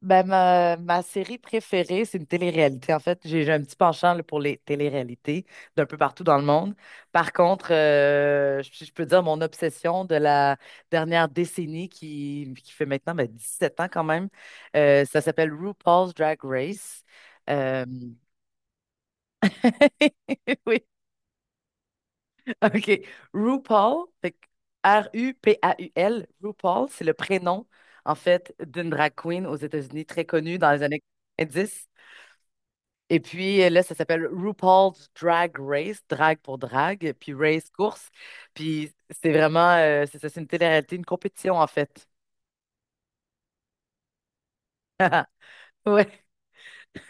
Ben, ma série préférée, c'est une télé-réalité. En fait, j'ai un petit penchant là, pour les télé-réalités d'un peu partout dans le monde. Par contre, je peux dire mon obsession de la dernière décennie qui fait maintenant ben, 17 ans quand même, ça s'appelle RuPaul's Drag Race. Euh, Oui, OK. RuPaul, fait que RuPaul, RuPaul, c'est le prénom, en fait, d'une drag queen aux États-Unis très connue dans les années dix. Et puis là, ça s'appelle RuPaul's Drag Race, drag pour drag, puis race course. Puis c'est vraiment, c'est ça, c'est une télé-réalité, une compétition en fait. Ouais,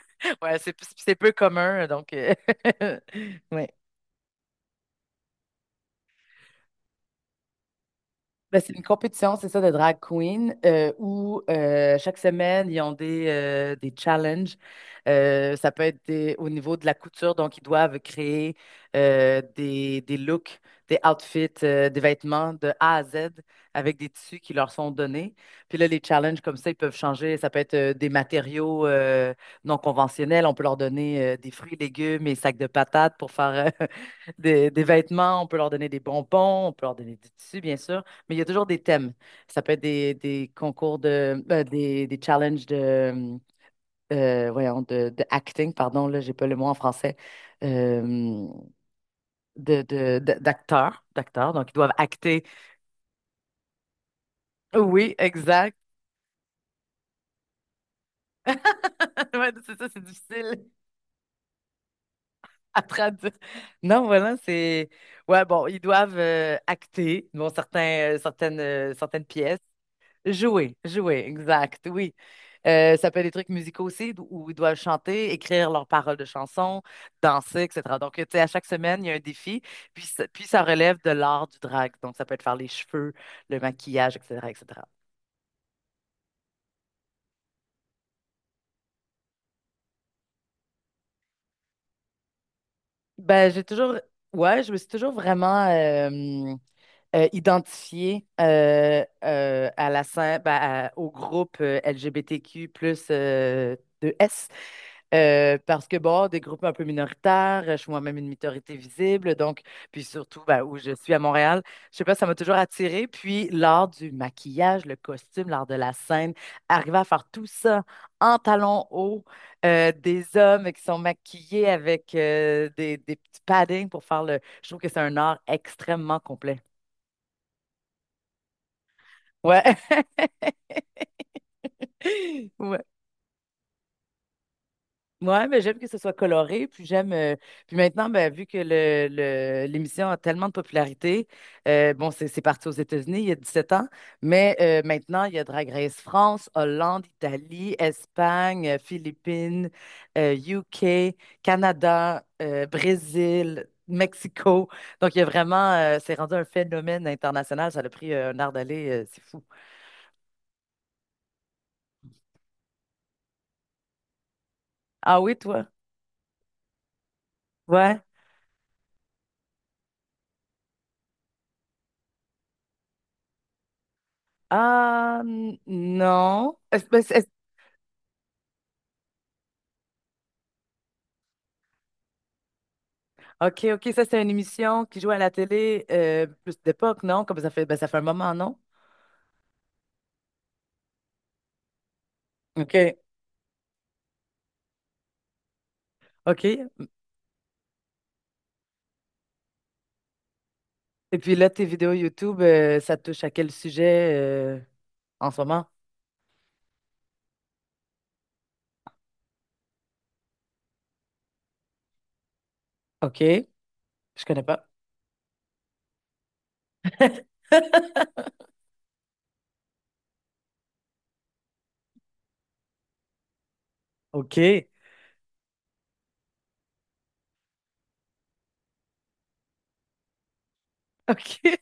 ouais, c'est peu commun, donc ouais. Ben, c'est une compétition, c'est ça, de drag queen, où chaque semaine, ils ont des challenges. Ça peut être au niveau de la couture, donc ils doivent créer des looks, des outfits, des vêtements de A à Z avec des tissus qui leur sont donnés. Puis là, les challenges comme ça, ils peuvent changer. Ça peut être des matériaux non conventionnels. On peut leur donner des fruits, légumes et sacs de patates pour faire des vêtements. On peut leur donner des bonbons. On peut leur donner des tissus, bien sûr. Mais il y a toujours des thèmes. Ça peut être des concours de, des challenges voyons, de acting, pardon, là, j'ai pas le mot en français, euh, d'acteurs, donc ils doivent acter. Oui, exact. Ouais, c'est ça, c'est difficile à traduire. Non, voilà, c'est... Ouais, bon, ils doivent acter, bon, certaines pièces. Jouer, jouer, exact, oui. Ça peut être des trucs musicaux aussi, où ils doivent chanter, écrire leurs paroles de chansons, danser, etc. Donc, tu sais, à chaque semaine, il y a un défi, puis ça relève de l'art du drag. Donc, ça peut être faire les cheveux, le maquillage, etc., etc. Ben, ouais, je me suis toujours vraiment identifiée à la scène, ben, au groupe LGBTQ plus de S. Parce que, bon, des groupes un peu minoritaires, je suis moi-même une minorité visible, donc, puis surtout, ben, où je suis à Montréal, je sais pas, ça m'a toujours attirée. Puis l'art du maquillage, le costume, l'art de la scène, arriver à faire tout ça en talons hauts, des hommes qui sont maquillés avec des petits paddings pour faire le... Je trouve que c'est un art extrêmement complet. Ouais. Ouais. Ouais, mais j'aime que ce soit coloré, puis maintenant, ben, vu que l'émission a tellement de popularité, bon, c'est parti aux États-Unis il y a 17 ans, mais maintenant, il y a Drag Race France, Hollande, Italie, Espagne, Philippines, UK, Canada, Brésil, Mexico. Donc, il y a c'est rendu un phénomène international. Ça a pris un art d'aller, c'est fou. Ah oui, toi? Ouais. Ah, non. OK, OK, ça, c'est une émission qui joue à la télé plus d'époque, non? Comme ça fait, ben, ça fait un moment, non? OK, OK. Et puis là, tes vidéos YouTube, ça touche à quel sujet en ce moment? OK, je connais pas. OK, OK.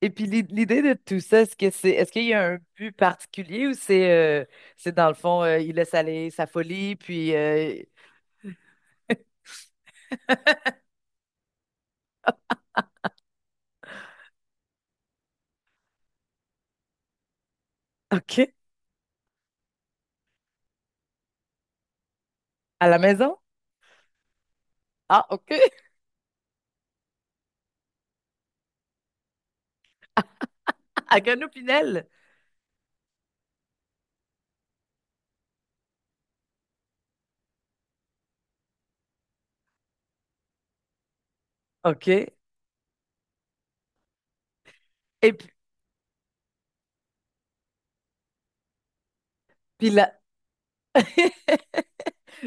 Et puis l'idée de tout ça, est-ce qu'il y a un but particulier ou c'est dans le fond, il laisse aller sa folie, puis OK, à la maison? Ah, OK, à Gano Pinel. OK. Et puis là.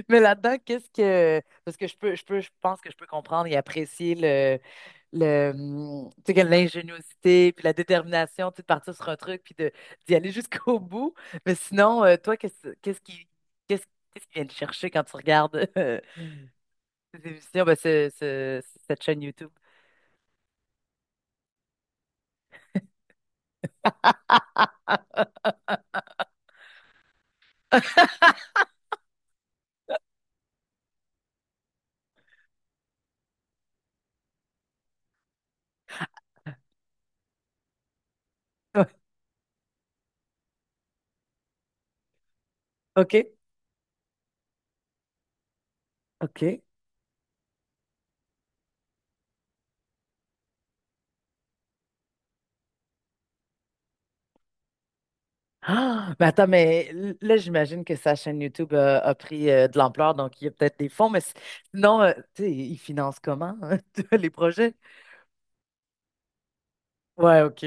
Mais là-dedans, qu'est-ce que. Parce que je pense que je peux comprendre et apprécier tu sais, que l'ingéniosité, puis la détermination, tu sais, de partir sur un truc, puis d'y aller jusqu'au bout. Mais sinon, toi, qu'est-ce, qu'est-ce qui vient te chercher quand tu regardes ces émissions, ben, cette chaîne YouTube? Ouais, OK. OK. Ah, ben attends, mais là, j'imagine que sa chaîne YouTube a pris de l'ampleur, donc il y a peut-être des fonds, mais sinon, tu sais, ils financent comment hein, les projets? Ouais, OK.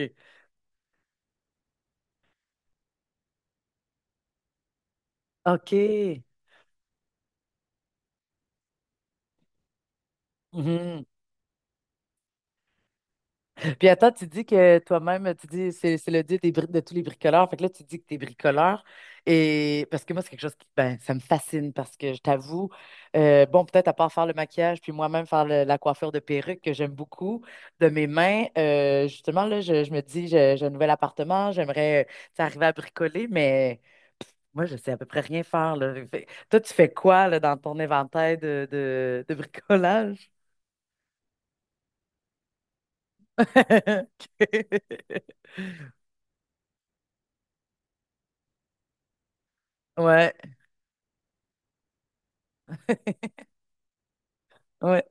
OK. Mhm. Puis attends, tu dis que toi-même, tu dis c'est le dieu des de tous les bricoleurs. Fait que là, tu dis que tu es bricoleur. Et parce que moi, c'est quelque chose qui ben, ça me fascine parce que je t'avoue, bon, peut-être à part faire le maquillage, puis moi-même faire la coiffure de perruque que j'aime beaucoup de mes mains. Justement, là, je me dis, j'ai un nouvel appartement, j'aimerais tu sais, arriver à bricoler, mais moi, je sais à peu près rien faire, là. Toi, tu fais quoi là, dans ton inventaire de bricolage? Ouais. Ouais.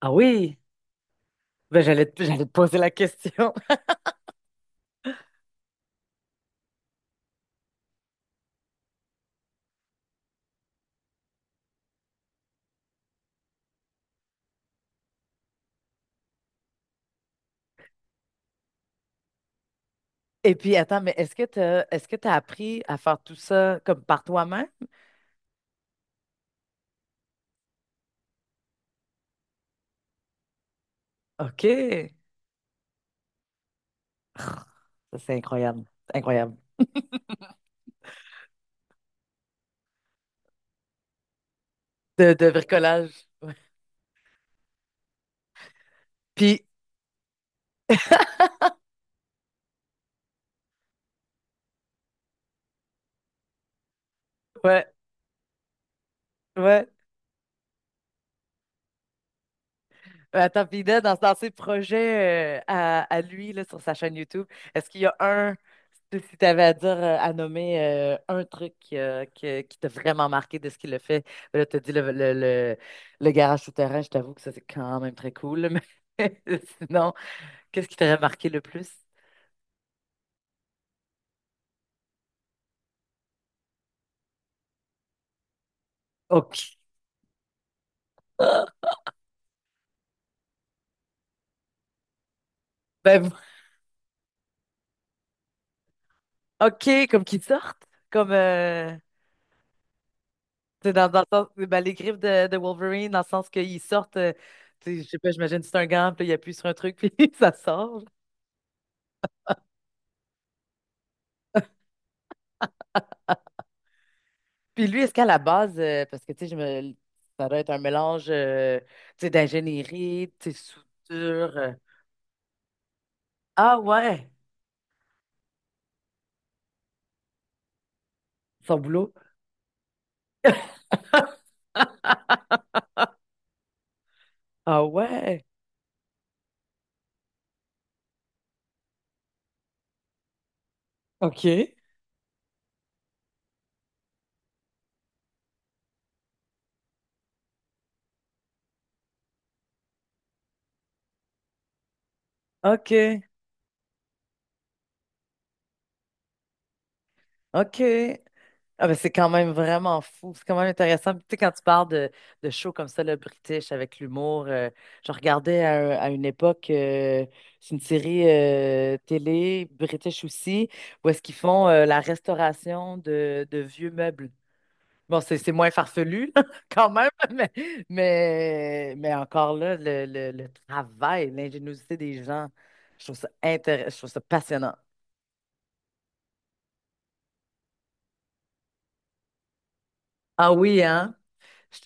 Ah oui. Ben, j'allais te poser la question. Et puis, attends, mais est-ce que tu as appris à faire tout ça comme par toi-même? OK. Ça, c'est incroyable. Incroyable. De bricolage. Ouais. Puis, ouais, ouais. Attends, puis là, dans ses projets à lui, là, sur sa chaîne YouTube, est-ce qu'il y a un, si tu avais à dire, à nommer un truc qui t'a vraiment marqué de ce qu'il a fait? Ben, là, tu as dit le garage souterrain, je t'avoue que ça, c'est quand même très cool. Mais sinon, qu'est-ce qui t'aurait marqué le plus? OK. Ben, OK, comme qu'ils sortent. Comme, t'sais, dans le sens, ben, les griffes de Wolverine, dans le sens qu'ils sortent, tu sais je sais pas, j'imagine c'est un gant, puis là, il appuie sur un truc, puis ça sort. Puis lui, est-ce qu'à la base, parce que tu sais, je me... Ça doit être un mélange tu sais, d'ingénierie, tu sais, soudure. Ah ouais, son boulot. Ah ouais, OK, OK, OK. Ah ben c'est quand même vraiment fou, c'est quand même intéressant. Puis, tu sais, quand tu parles de shows comme ça, le British, avec l'humour, je regardais à une époque, c'est une série télé, British aussi, où est-ce qu'ils font la restauration de vieux meubles. Bon, c'est moins farfelu, là, quand même, mais, encore là, le travail, l'ingéniosité des gens, je trouve ça intéressant, je trouve ça passionnant. Ah oui, hein?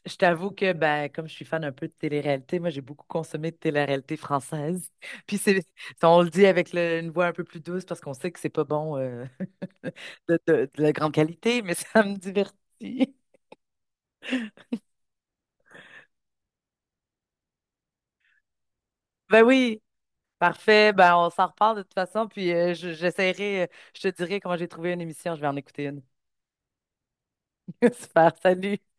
Je t'avoue que, ben, comme je suis fan un peu de télé-réalité, moi, j'ai beaucoup consommé de télé-réalité française. Puis si on le dit avec une voix un peu plus douce parce qu'on sait que c'est pas bon de la grande qualité, mais ça me divertit. Ben oui. Parfait, ben on s'en reparle de toute façon, puis j'essaierai, je te dirai comment j'ai trouvé une émission, je vais en écouter une. Super, salut!